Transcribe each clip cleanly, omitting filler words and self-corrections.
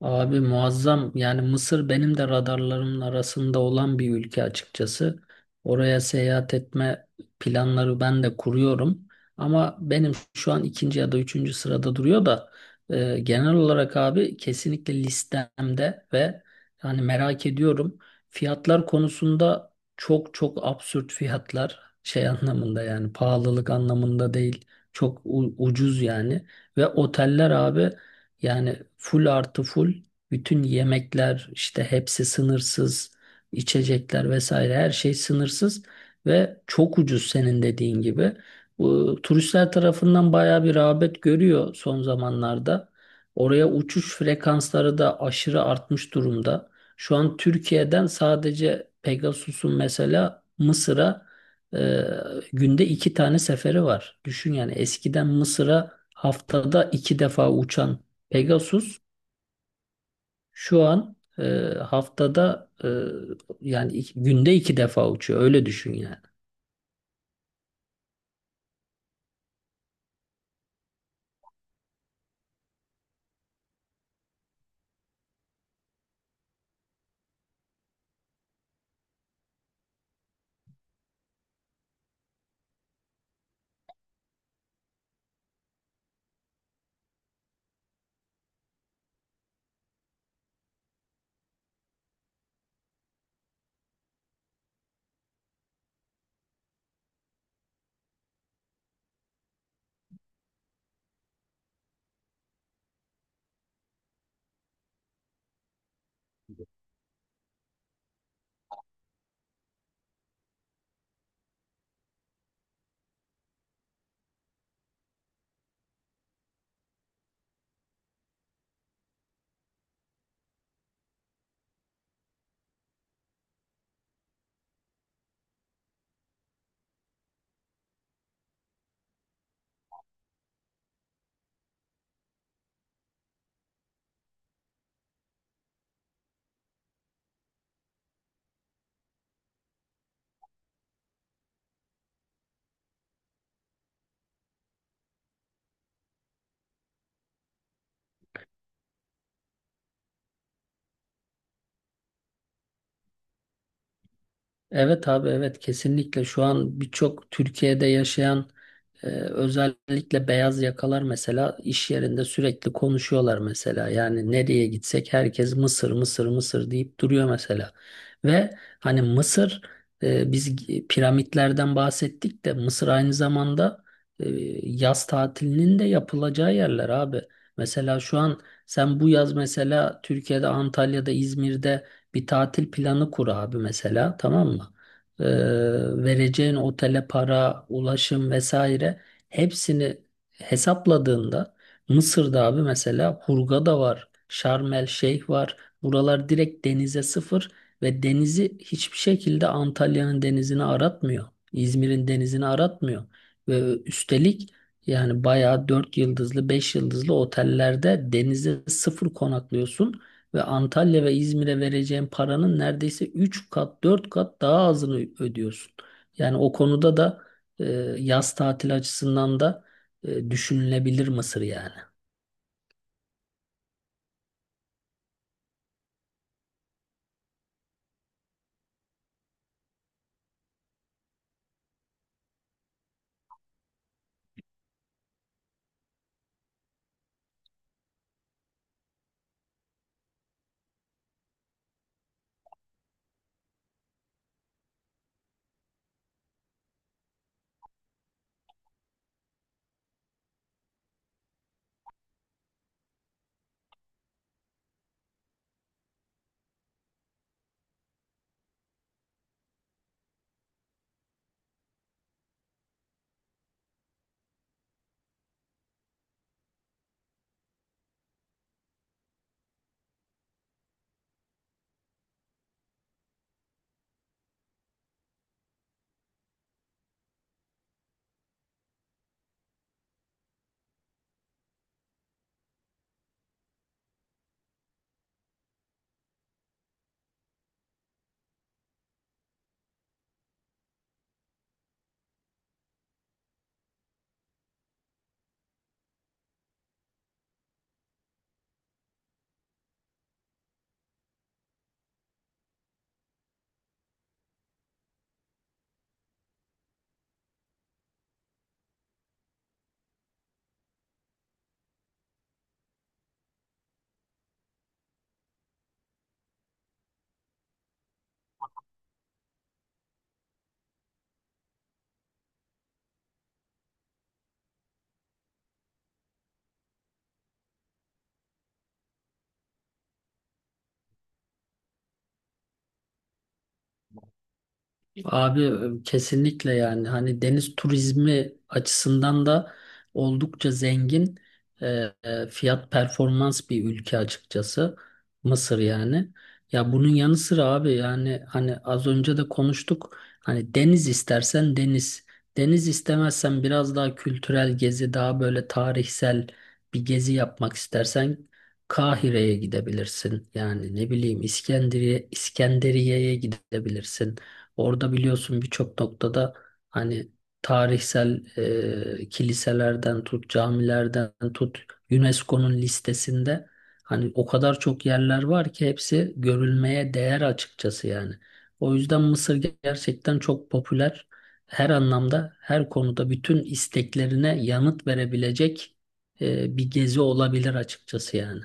Abi muazzam yani Mısır benim de radarlarımın arasında olan bir ülke açıkçası. Oraya seyahat etme planları ben de kuruyorum. Ama benim şu an ikinci ya da üçüncü sırada duruyor da genel olarak abi kesinlikle listemde ve yani merak ediyorum. Fiyatlar konusunda çok çok absürt fiyatlar şey anlamında yani pahalılık anlamında değil. Çok ucuz yani. Ve oteller abi yani full artı full bütün yemekler işte hepsi sınırsız, içecekler vesaire her şey sınırsız ve çok ucuz senin dediğin gibi. Bu turistler tarafından bayağı bir rağbet görüyor son zamanlarda. Oraya uçuş frekansları da aşırı artmış durumda. Şu an Türkiye'den sadece Pegasus'un mesela Mısır'a e, günde iki tane seferi var. Düşün yani eskiden Mısır'a haftada iki defa uçan Pegasus şu an haftada yani günde iki defa uçuyor. Öyle düşün yani. Evet abi, evet kesinlikle şu an birçok Türkiye'de yaşayan, özellikle beyaz yakalar mesela iş yerinde sürekli konuşuyorlar mesela. Yani nereye gitsek herkes Mısır, Mısır, Mısır deyip duruyor mesela. Ve hani Mısır, biz piramitlerden bahsettik de Mısır aynı zamanda e, yaz tatilinin de yapılacağı yerler abi. Mesela şu an sen bu yaz mesela Türkiye'de, Antalya'da, İzmir'de bir tatil planı kur abi mesela, tamam mı? e, Vereceğin otele para, ulaşım vesaire hepsini hesapladığında Mısır'da abi mesela Hurghada da var, Şarm El Şeyh var. Buralar direkt denize sıfır ve denizi hiçbir şekilde Antalya'nın denizini aratmıyor. İzmir'in denizini aratmıyor. Ve üstelik yani bayağı 4 yıldızlı, 5 yıldızlı otellerde denize sıfır konaklıyorsun ve Antalya ve İzmir'e vereceğin paranın neredeyse 3 kat 4 kat daha azını ödüyorsun. Yani o konuda da e, yaz tatili açısından da düşünülebilir Mısır yani. Abi kesinlikle yani hani deniz turizmi açısından da oldukça zengin, e, fiyat performans bir ülke açıkçası Mısır yani. Ya bunun yanı sıra abi yani hani az önce de konuştuk, hani deniz istersen deniz, deniz istemezsen biraz daha kültürel gezi, daha böyle tarihsel bir gezi yapmak istersen Kahire'ye gidebilirsin, yani ne bileyim İskenderiye'ye gidebilirsin. Orada biliyorsun birçok noktada hani tarihsel kiliselerden tut, camilerden tut, UNESCO'nun listesinde hani o kadar çok yerler var ki hepsi görülmeye değer açıkçası yani. O yüzden Mısır gerçekten çok popüler. Her anlamda, her konuda bütün isteklerine yanıt verebilecek bir gezi olabilir açıkçası yani.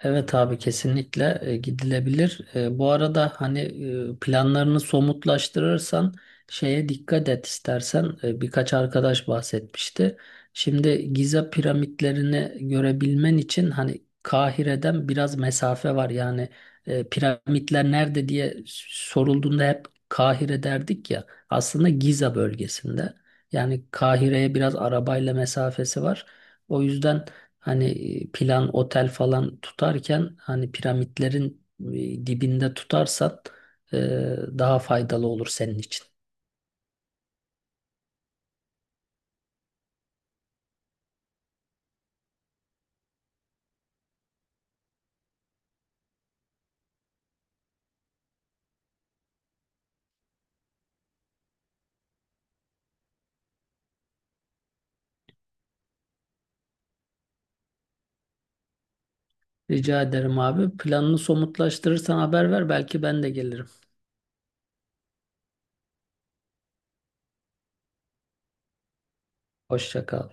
Evet abi, kesinlikle gidilebilir. Bu arada hani planlarını somutlaştırırsan şeye dikkat et istersen. Birkaç arkadaş bahsetmişti. Şimdi Giza piramitlerini görebilmen için hani Kahire'den biraz mesafe var. Yani piramitler nerede diye sorulduğunda hep Kahire derdik ya. Aslında Giza bölgesinde. Yani Kahire'ye biraz arabayla mesafesi var. O yüzden hani plan otel falan tutarken hani piramitlerin dibinde tutarsan e, daha faydalı olur senin için. Rica ederim abi. Planını somutlaştırırsan haber ver, belki ben de gelirim. Hoşça kal.